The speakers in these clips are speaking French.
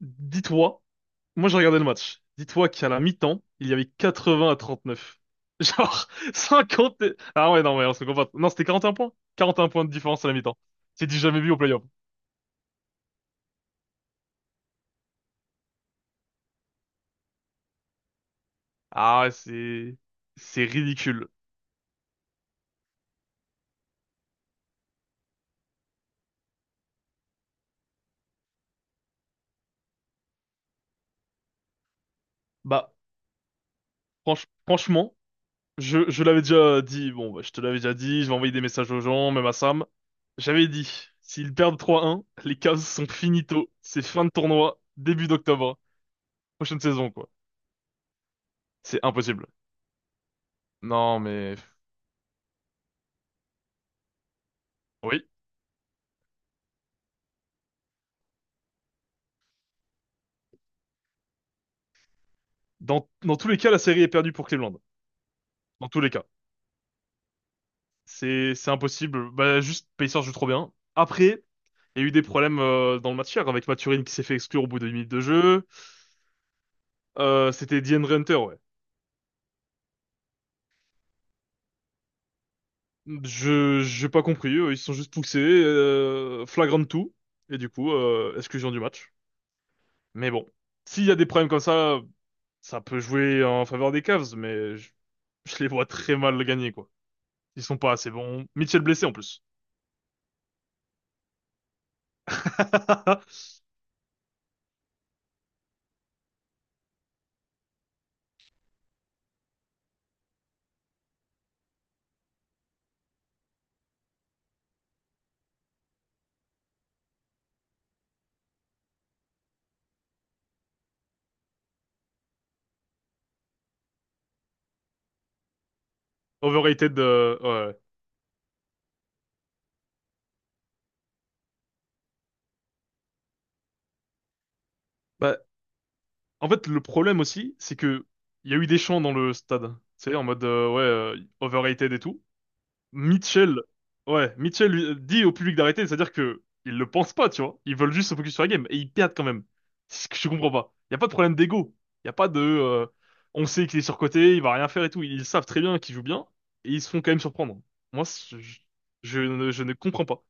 Dis-toi, moi j'ai regardé le match. Dis-toi qu'à la mi-temps, il y avait 80 à 39. Genre 50 ah ouais, non, mais on se comprend. Non, c'était 41 points. 41 points de différence à la mi-temps. C'est du jamais vu au play-off. Ah ouais, c'est… C'est ridicule. Bah, franchement, je l'avais déjà dit. Bon, bah, je te l'avais déjà dit. Je vais envoyer des messages aux gens, même à Sam. J'avais dit, s'ils perdent 3-1, les Cavs sont finito. C'est fin de tournoi, début d'octobre. Prochaine saison, quoi. C'est impossible. Non, mais… Oui. Dans tous les cas, la série est perdue pour Cleveland. Dans tous les cas. C'est impossible. Bah, juste, Pacers joue trop bien. Après, il y a eu des problèmes dans le match hier avec Mathurin qui s'est fait exclure au bout de minutes de jeu. C'était DeAndre Hunter, ouais. J'ai pas compris. Ils se sont juste poussés. Flagrant tout. Et du coup, exclusion du match. Mais bon. S'il y a des problèmes comme ça peut jouer en faveur des Cavs, mais je les vois très mal gagner, quoi. Ils sont pas assez bons. Mitchell blessé en plus. Overrated, ouais. Bah, en fait, le problème aussi, c'est que il y a eu des chants dans le stade. C'est en mode ouais, overrated et tout. Mitchell, ouais, Mitchell dit au public d'arrêter, c'est-à-dire que ils le pensent pas, tu vois. Ils veulent juste se focus sur la game et ils perdent quand même. C'est ce que je comprends pas. Il y a pas de problème d'ego. Il y a pas de On sait qu'il est surcoté, il va rien faire et tout. Ils savent très bien qu'il joue bien et ils se font quand même surprendre. Moi, je ne comprends pas.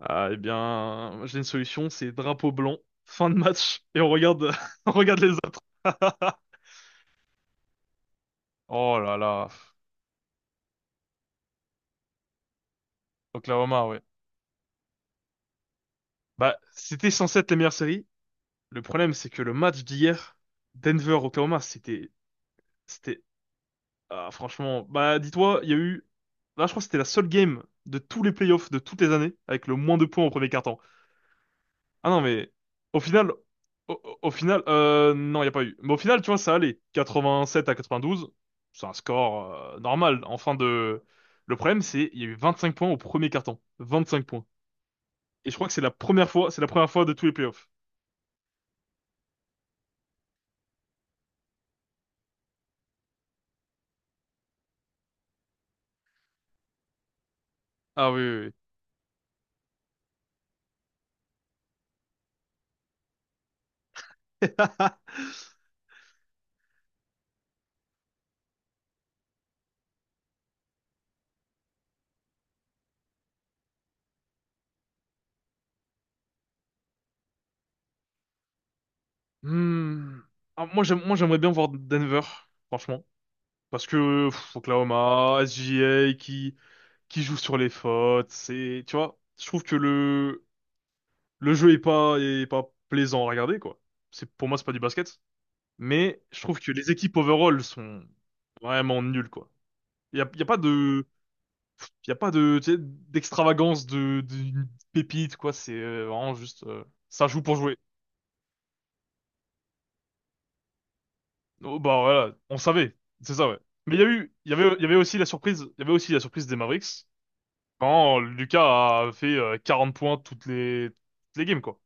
Ah, eh bien, j'ai une solution, c'est drapeau blanc, fin de match, et on regarde, on regarde les autres. Oh là là, Oklahoma, ouais. Bah, c'était censé être la meilleure série. Le problème, c'est que le match d'hier, Denver-Oklahoma, c'était, ah, franchement, bah, dis-toi, il y a eu, là, je crois que c'était la seule game de tous les playoffs de toutes les années avec le moins de points au premier quart temps. Ah non, mais au final, au final, non, il n'y a pas eu. Mais au final, tu vois, ça allait. 87 à 92, c'est un score normal. En fin de… Le problème, c'est il y a eu 25 points au premier carton. 25 points. Et je crois que c'est la première fois, c'est la première fois de tous les playoffs. Ah oui, oui, oui. Hmm. Ah, moi, j'aimerais bien voir Denver, franchement. Parce que pff, Oklahoma, SGA qui joue sur les fautes, c'est, tu vois, je trouve que le jeu est pas, plaisant à regarder, quoi. C'est, pour moi, c'est pas du basket. Mais je trouve que les équipes overall sont vraiment nulles, quoi. Il y a, y a pas de, y a pas de, tu sais, d'extravagance, de, d'une pépite, quoi. C'est vraiment juste, ça joue pour jouer. Oh, bah voilà, on savait. C'est ça, ouais. Mais il y a eu, il y avait aussi la surprise, des Mavericks quand Lucas a fait 40 points toutes les games, quoi.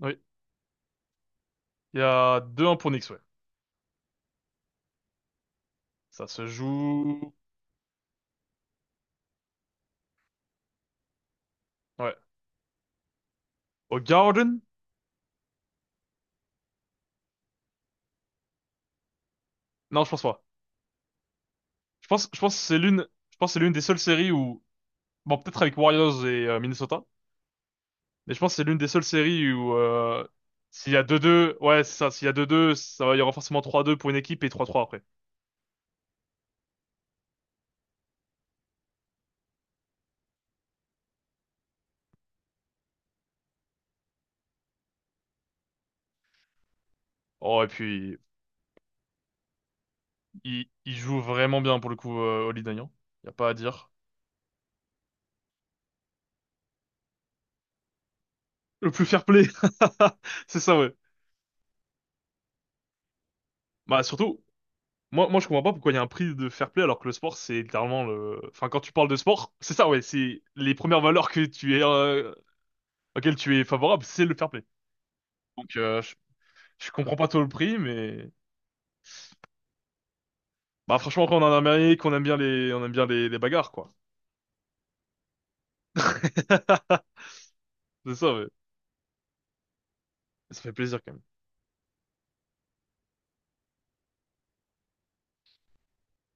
Oui. Il y a deux 1 pour Knicks, ouais. Ça se joue, ouais. Au Garden? Non, je pense pas. Je pense que c'est l'une des seules séries où, bon, peut-être avec Warriors et Minnesota, mais je pense que c'est l'une des seules séries où, s'il y a deux deux, ouais, c'est ça, s'il y a deux deux, ça va, il y aura forcément 3-2 pour une équipe et 3-3 après. Oh, et puis, il joue vraiment bien pour le coup, Oli Dagnan. Y a pas à dire. Le plus fair play. C'est ça, ouais. Bah, surtout, je comprends pas pourquoi il y a un prix de fair play alors que le sport, c'est littéralement le, enfin, quand tu parles de sport, c'est ça, ouais, c'est les premières valeurs que tu es, auxquelles tu es favorable, c'est le fair play. Donc je comprends pas trop le prix, mais bah franchement quand on est en Amérique, on aime bien les bagarres quoi. C'est ça, mais ça fait plaisir quand même.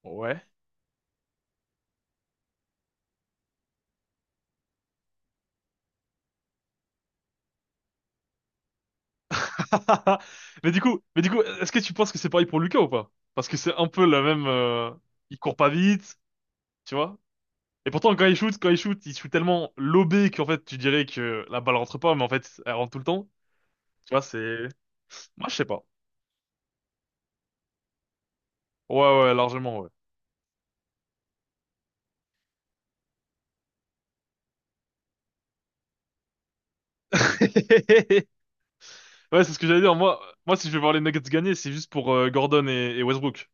Ouais. Mais du coup, est-ce que tu penses que c'est pareil pour Lucas ou pas? Parce que c'est un peu la même. Il court pas vite, tu vois. Et pourtant, il shoot tellement lobé qu'en fait tu dirais que la balle rentre pas, mais en fait elle rentre tout le temps. Tu vois, c'est… Moi je sais pas. Ouais, ouais, largement, ouais. Ouais, c'est ce que j'allais dire. Si je vais voir les Nuggets gagner, c'est juste pour Gordon et Westbrook.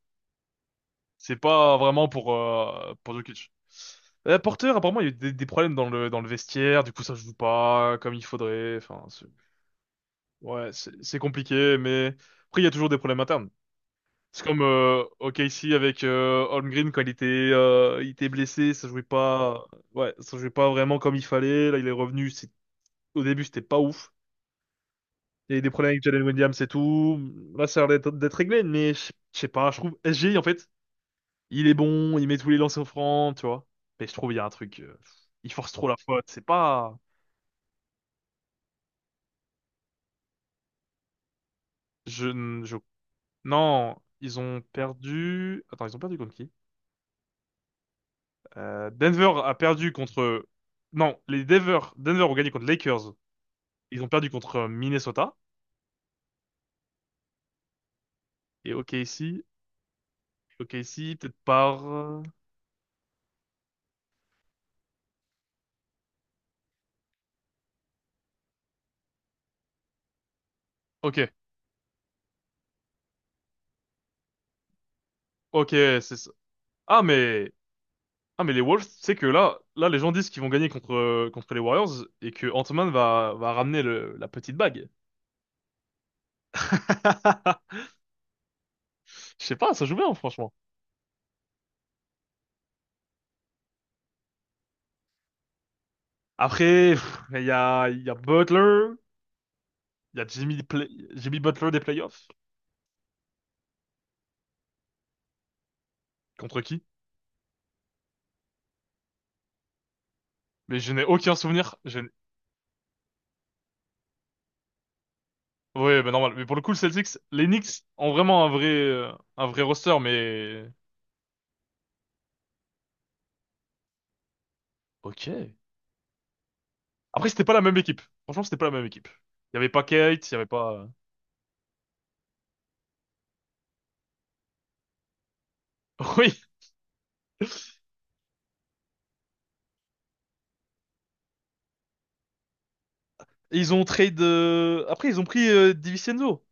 C'est pas vraiment pour Jokic. Porter, apparemment, il y a eu des problèmes dans le vestiaire. Du coup, ça joue pas comme il faudrait. Enfin, c'est- ouais, c'est compliqué, mais après, il y a toujours des problèmes internes. C'est comme OKC avec Holmgren quand il était blessé, ça jouait pas. Ouais, ça jouait pas vraiment comme il fallait. Là, il est revenu. C'est au début, c'était pas ouf. Il y a eu des problèmes avec Jalen Williams et tout. Là, ça a l'air d'être réglé, mais je sais pas, je trouve SGI, en fait, il est bon, il met tous les lancers francs, tu vois. Mais je trouve il y a un truc, il force trop la faute, c'est pas… Je, n- je... Non, ils ont perdu… Attends, ils ont perdu contre qui? Denver a perdu contre… Non, Denver ont gagné contre Lakers. Ils ont perdu contre Minnesota. Et OKC, peut-être par… Ok, ok, c'est ça. Ah, mais… Ah mais les Wolves, tu sais que là les gens disent qu'ils vont gagner contre les Warriors et que Ant-Man va ramener la petite bague. Je sais pas, ça joue bien franchement. Après, pff, il y a Butler, il y a Jimmy Butler des playoffs contre qui? Mais je n'ai aucun souvenir. Je n'ai- Ouais, bah normal. Mais pour le coup, le Celtics, les Knicks ont vraiment un vrai roster, mais ok. Après, c'était pas la même équipe. Franchement, c'était pas la même équipe. Il y avait pas Kate, il y avait pas. Oui, ils ont trade. Après, ils ont pris Divincenzo.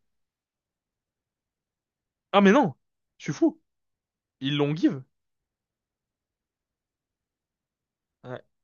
Ah, mais non! Je suis fou! Ils l'ont give. Ouais.